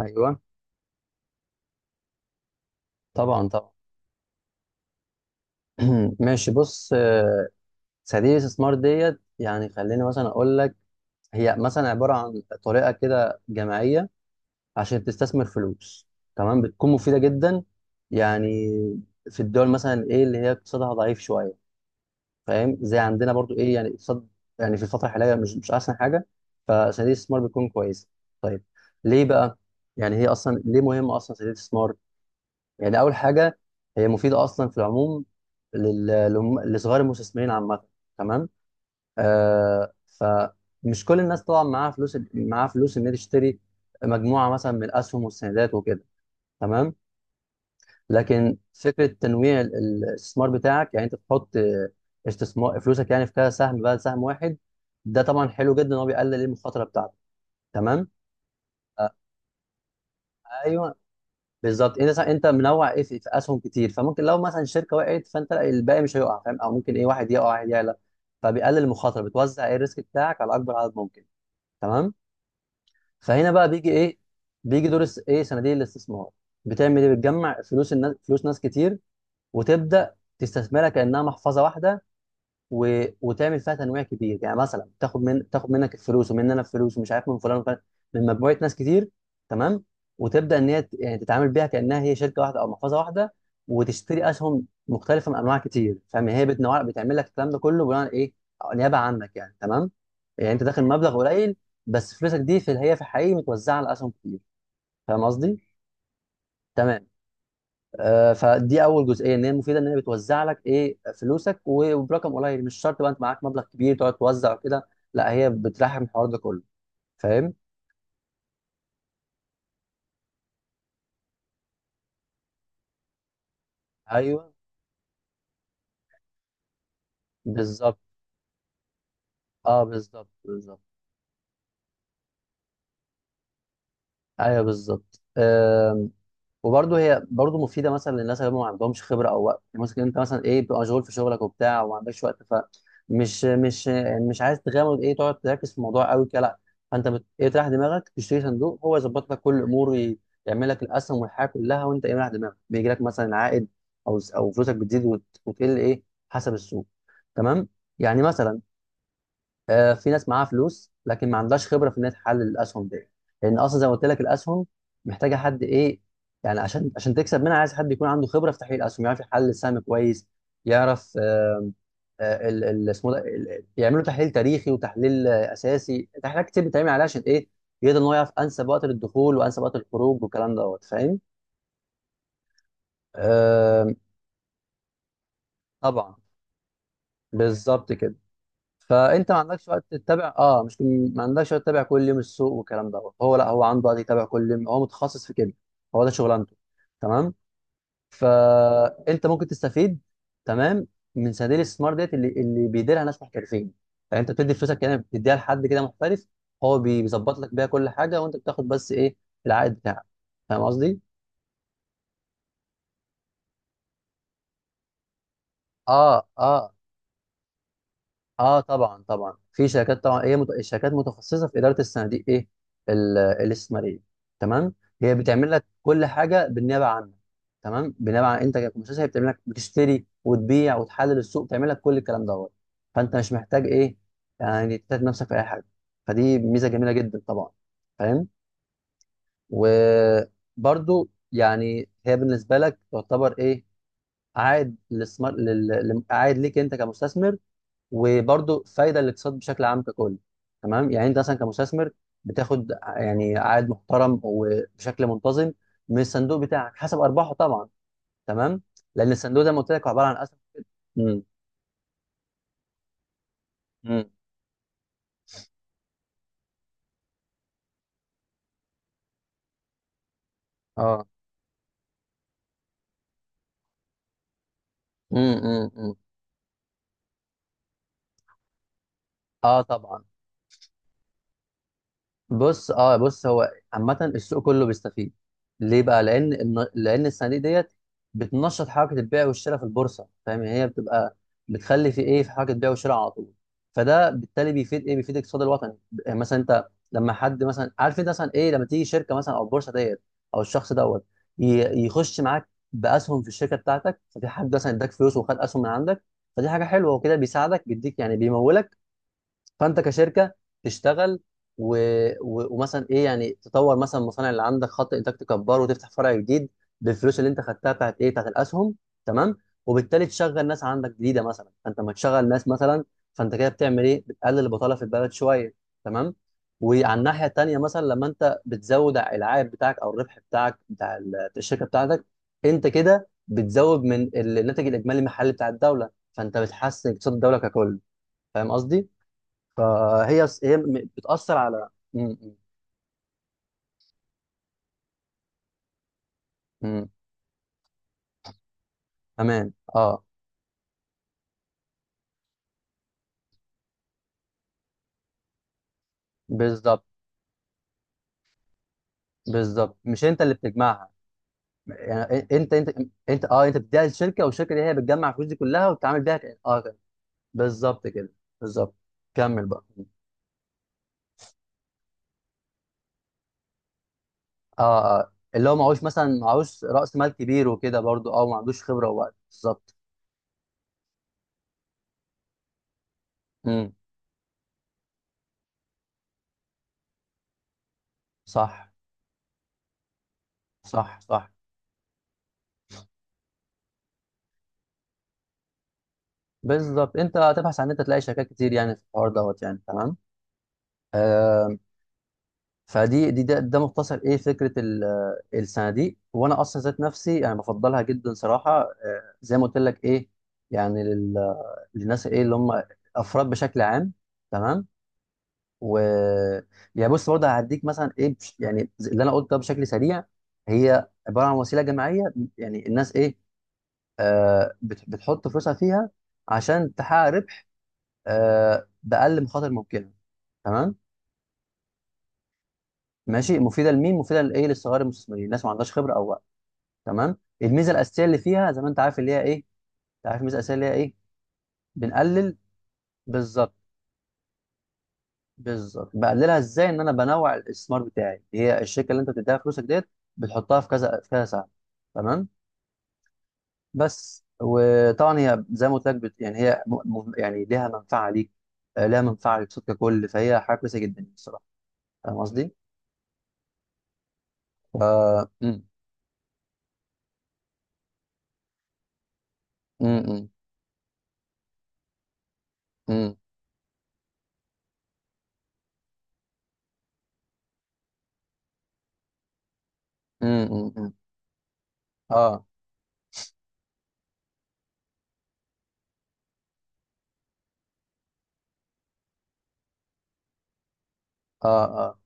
ايوه، طبعا طبعا. ماشي، بص صناديق الاستثمار ديت يعني خليني مثلا اقول لك. هي مثلا عباره عن طريقه كده جماعيه عشان تستثمر فلوس. تمام. بتكون مفيده جدا يعني في الدول مثلا ايه اللي هي اقتصادها ضعيف شويه، فاهم؟ زي عندنا برضو، ايه يعني اقتصاد يعني في الفتره الحاليه مش احسن حاجه، فصناديق الاستثمار بتكون كويسه. طيب، ليه بقى؟ يعني هي اصلا ليه مهمه اصلا صناديق الاستثمار؟ يعني اول حاجه، هي مفيده اصلا في العموم لصغار المستثمرين عامه. تمام. آه، فمش كل الناس طبعا معاها فلوس، معاها فلوس ان هي تشتري مجموعه مثلا من الاسهم والسندات وكده. تمام. لكن فكره تنويع الاستثمار بتاعك، يعني انت تحط استثمار فلوسك يعني في كذا سهم بدل سهم واحد. ده طبعا حلو جدا ان هو بيقلل المخاطره بتاعتك. تمام. آه، ايوه بالظبط. انت منوع، ايه، في اسهم كتير، فممكن لو مثلا شركه وقعت فانت الباقي مش هيقع، فاهم؟ او ممكن ايه، واحد يقع واحد يعلى، فبيقلل المخاطره، بتوزع ايه الريسك بتاعك على اكبر عدد ممكن. تمام. فهنا بقى بيجي ايه، بيجي دور ايه صناديق الاستثمار. بتعمل ايه؟ بتجمع فلوس الناس، فلوس ناس كتير، وتبدا تستثمرها كانها محفظه واحده، وتعمل فيها تنويع كبير. يعني مثلا تاخد منك الفلوس ومن انا الفلوس ومش عارف من فلان وفلان، من مجموعه ناس كتير. تمام. وتبدا ان هي يعني تتعامل بيها كانها هي شركه واحده او محفظه واحده، وتشتري اسهم مختلفه من انواع كتير، فاهم؟ هي بتنوع، بتعمل لك الكلام ده كله بناء على ايه، نيابه عنك يعني. تمام. يعني انت داخل مبلغ قليل بس فلوسك دي في، هي في الحقيقه متوزعه على اسهم كتير، فاهم قصدي؟ تمام. فدي اول جزئيه، ان هي مفيده، ان هي بتوزع لك ايه فلوسك وبرقم قليل. مش شرط بقى انت معاك مبلغ كبير تقعد توزع وكده، لا، هي بترحم الحوار ده كله، فاهم؟ ايوه بالظبط. اه بالظبط بالظبط. ايوه بالظبط. وبرضه هي برضه مفيده مثلا للناس اللي هم ما عندهمش خبره او وقت. ممكن انت مثلا ايه، بتبقى مشغول في شغلك وبتاع وما عندكش وقت، فمش مش عايز تغامر، ايه، تقعد تركز في الموضوع قوي كده، لا، فانت ايه تريح دماغك، تشتري صندوق هو يظبط لك كل الامور، يعمل لك الاسهم والحياه كلها، وانت ايه مريح دماغك، بيجي لك مثلا عائد او فلوسك بتزيد وتقل ايه حسب السوق. تمام. يعني مثلا في ناس معاها فلوس لكن ما عندهاش خبره في ان هي تحلل الاسهم دي، لان اصلا زي ما قلت لك الاسهم محتاجه حد ايه، يعني عشان تكسب منها عايز حد يكون عنده خبره في تحليل الاسهم، يعرف يحلل السهم كويس، يعرف اسمه ده يعملوا تحليل تاريخي وتحليل اساسي، تحليلات كتير بتتعمل عليها عشان ايه، يقدر ان هو يعرف انسب وقت للدخول وانسب وقت الخروج والكلام دوت، فاهم؟ آه، طبعا. بالظبط كده. فانت ما عندكش وقت تتابع، اه، مش ما عندكش وقت تتابع كل يوم السوق والكلام دوت، هو لا، هو عنده وقت يتابع كل يوم، هو متخصص في كده، هو ده شغلانته. تمام. فانت ممكن تستفيد. تمام. من صناديق الاستثمار ديت اللي بيديرها ناس محترفين. يعني انت بتدي فلوسك كده، بتديها لحد كده محترف، هو بيظبط لك بيها كل حاجه، وانت بتاخد بس ايه، العائد بتاعك، فاهم قصدي؟ اه اه اه. طبعا طبعا. في شركات، طبعا هي الشركات متخصصه في اداره الصناديق، ايه، الاستثماريه. تمام. هي بتعمل لك كل حاجه بالنيابه عنك. تمام. بالنيابه عن انت كمؤسسه، هي بتعمل لك، بتشتري وتبيع وتحلل السوق، بتعمل لك كل الكلام دوت، فانت مش محتاج ايه، يعني تتعب نفسك في اي حاجه، فدي ميزه جميله جدا طبعا، فاهم؟ وبرده يعني هي بالنسبه لك تعتبر ايه، عائد للاستثمار، عائد ليك انت كمستثمر، وبرضه فايده للاقتصاد بشكل عام ككل. تمام. يعني انت مثلا كمستثمر بتاخد يعني عائد محترم وبشكل منتظم من الصندوق بتاعك حسب ارباحه طبعا. تمام. لان الصندوق زي ما قلت لك هو عباره عن اسهم. امم امم اه. امم امم اه طبعا. بص، اه، بص، هو عامة السوق كله بيستفيد. ليه بقى؟ لأن الصناديق ديت بتنشط حركة البيع والشراء في البورصة، فاهم؟ يعني هي بتبقى بتخلي في إيه، في حركة بيع وشراء على طول، فده بالتالي بيفيد إيه؟ بيفيد الاقتصاد الوطني. يعني مثلا أنت لما حد مثلا، عارف أنت مثلا إيه، لما تيجي شركة مثلا أو البورصة ديت أو الشخص دوت يخش معاك بأسهم في الشركة بتاعتك، ففي حد مثلا اداك فلوس وخد أسهم من عندك، فدي حاجة حلوة وكده، بيساعدك، بيديك يعني، بيمولك، فانت كشركه تشتغل و... ومثلا ايه يعني تطور مثلا المصانع اللي عندك، خط انتاج تكبره، وتفتح فرع جديد بالفلوس اللي انت خدتها بتاعت ايه، بتاعت الاسهم. تمام. وبالتالي تشغل ناس عندك جديده مثلا، فانت لما تشغل ناس مثلا، فانت كده بتعمل ايه، بتقلل البطاله في البلد شويه. تمام. وعلى الناحيه التانيه، مثلا لما انت بتزود العائد بتاعك او الربح بتاعك بتاع الشركه بتاعتك، انت كده بتزود من الناتج الاجمالي المحلي بتاع الدوله، فانت بتحسن اقتصاد الدوله ككل، فاهم قصدي؟ فهي هي بتأثر على م- م- م. تمام. اه بالظبط بالظبط. مش انت اللي بتجمعها، يعني انت. انت، اه، انت بتديها للشركه، والشركه دي هي بتجمع الفلوس دي كلها وبتتعامل بيها اه كده. بالظبط كده. بالظبط. كمل بقى. اه اه، اللي هو معهوش مثلا، معهوش رأس مال كبير وكده، برضو اه ما عندوش خبره ووقت، بالظبط. امم صح صح صح. بالظبط. انت هتبحث عن إن انت تلاقي شركات كتير يعني في الحوار دوت يعني. تمام. آه، ده مختصر ايه فكره الصناديق، وانا اصلا ذات نفسي انا بفضلها جدا صراحه. زي ما قلت لك ايه، يعني للناس ايه اللي هم افراد بشكل عام. تمام. و يعني بص برضه هديك مثلا ايه يعني زي اللي انا قلته ده بشكل سريع. هي عباره عن وسيله جماعيه، يعني الناس ايه، بتحط فلوسها فيها عشان تحقق ربح باقل مخاطر ممكنه. تمام. ماشي، مفيده لمين، مفيده لايه؟ للصغار المستثمرين، الناس ما عندهاش خبره او. تمام. الميزه الاساسيه اللي فيها زي ما انت عارف اللي هي ايه، انت عارف الميزه الاساسيه اللي هي ايه، بنقلل. بالظبط. بالظبط. بقللها ازاي، ان انا بنوع الاستثمار بتاعي. هي الشركه اللي انت بتديها فلوسك ديت بتحطها في كذا، في كذا سهم. تمام. بس. وطبعا هي زي ما قلت لك يعني هي يعني ليها منفعه ليك، ليها منفعه للصوت ككل، فهي حاجه كويسه جدا يعني الصراحه، فاهم قصدي؟ ف امم امم امم امم. اه اه اه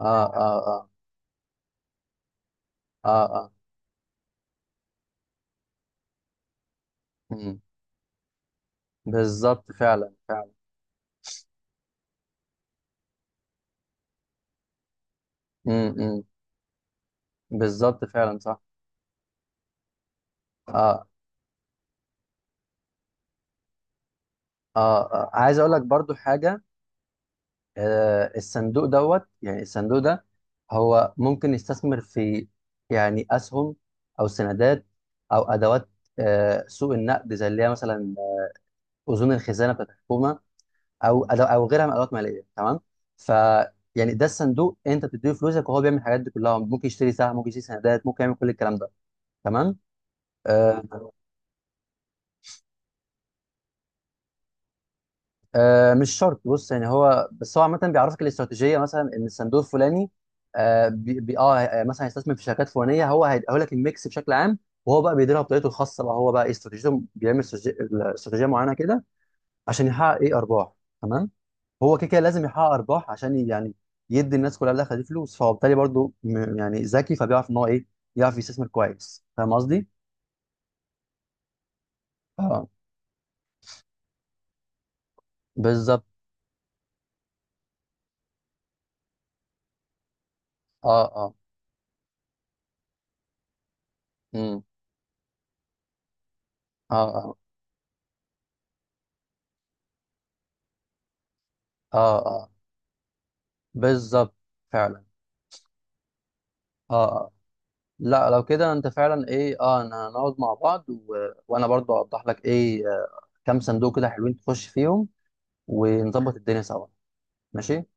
اه اه اه. اه, آه. مم. بالظبط فعلا فعلا. امم امم. بالظبط فعلا صح. آه آه، عايز اقول لك برضو حاجه. الصندوق دوت، يعني الصندوق ده هو ممكن يستثمر في يعني اسهم او سندات او ادوات سوق النقد، زي اللي هي مثلا اذون الخزانه بتاعت الحكومه، او أدو او غيرها من ادوات ماليه. تمام. ف يعني ده الصندوق، انت بتديله فلوسك وهو بيعمل الحاجات دي كلها، ممكن يشتري سهم، ممكن يشتري سندات، ممكن يعمل كل الكلام ده. تمام. آه، آه مش شرط. بص، يعني هو بس هو عامة بيعرفك الاستراتيجية، مثلا ان الصندوق الفلاني آه بي بي اه آه، مثلا هيستثمر في شركات فلانية، هو هيقول لك الميكس بشكل عام، وهو بقى بيديرها بطريقته الخاصة بقى، هو بقى إيه استراتيجيته، بيعمل استراتيجية معينة كده عشان يحقق ايه ارباح. تمام. هو كده كده لازم يحقق ارباح عشان يعني يدي الناس كلها اللي خدت فلوس، فهو بالتالي برضه يعني ذكي، فبيعرف ان هو ايه، يعرف يستثمر كويس، فاهم قصدي؟ اه بالظبط. اه اه. امم اه اه اه اه بالظبط فعلا. اه آه. لا لو كده انت فعلا ايه، اه انا نقعد مع بعض وانا برضو اوضح لك ايه، كام صندوق كده حلوين تخش فيهم، ونظبط الدنيا سوا. ماشي.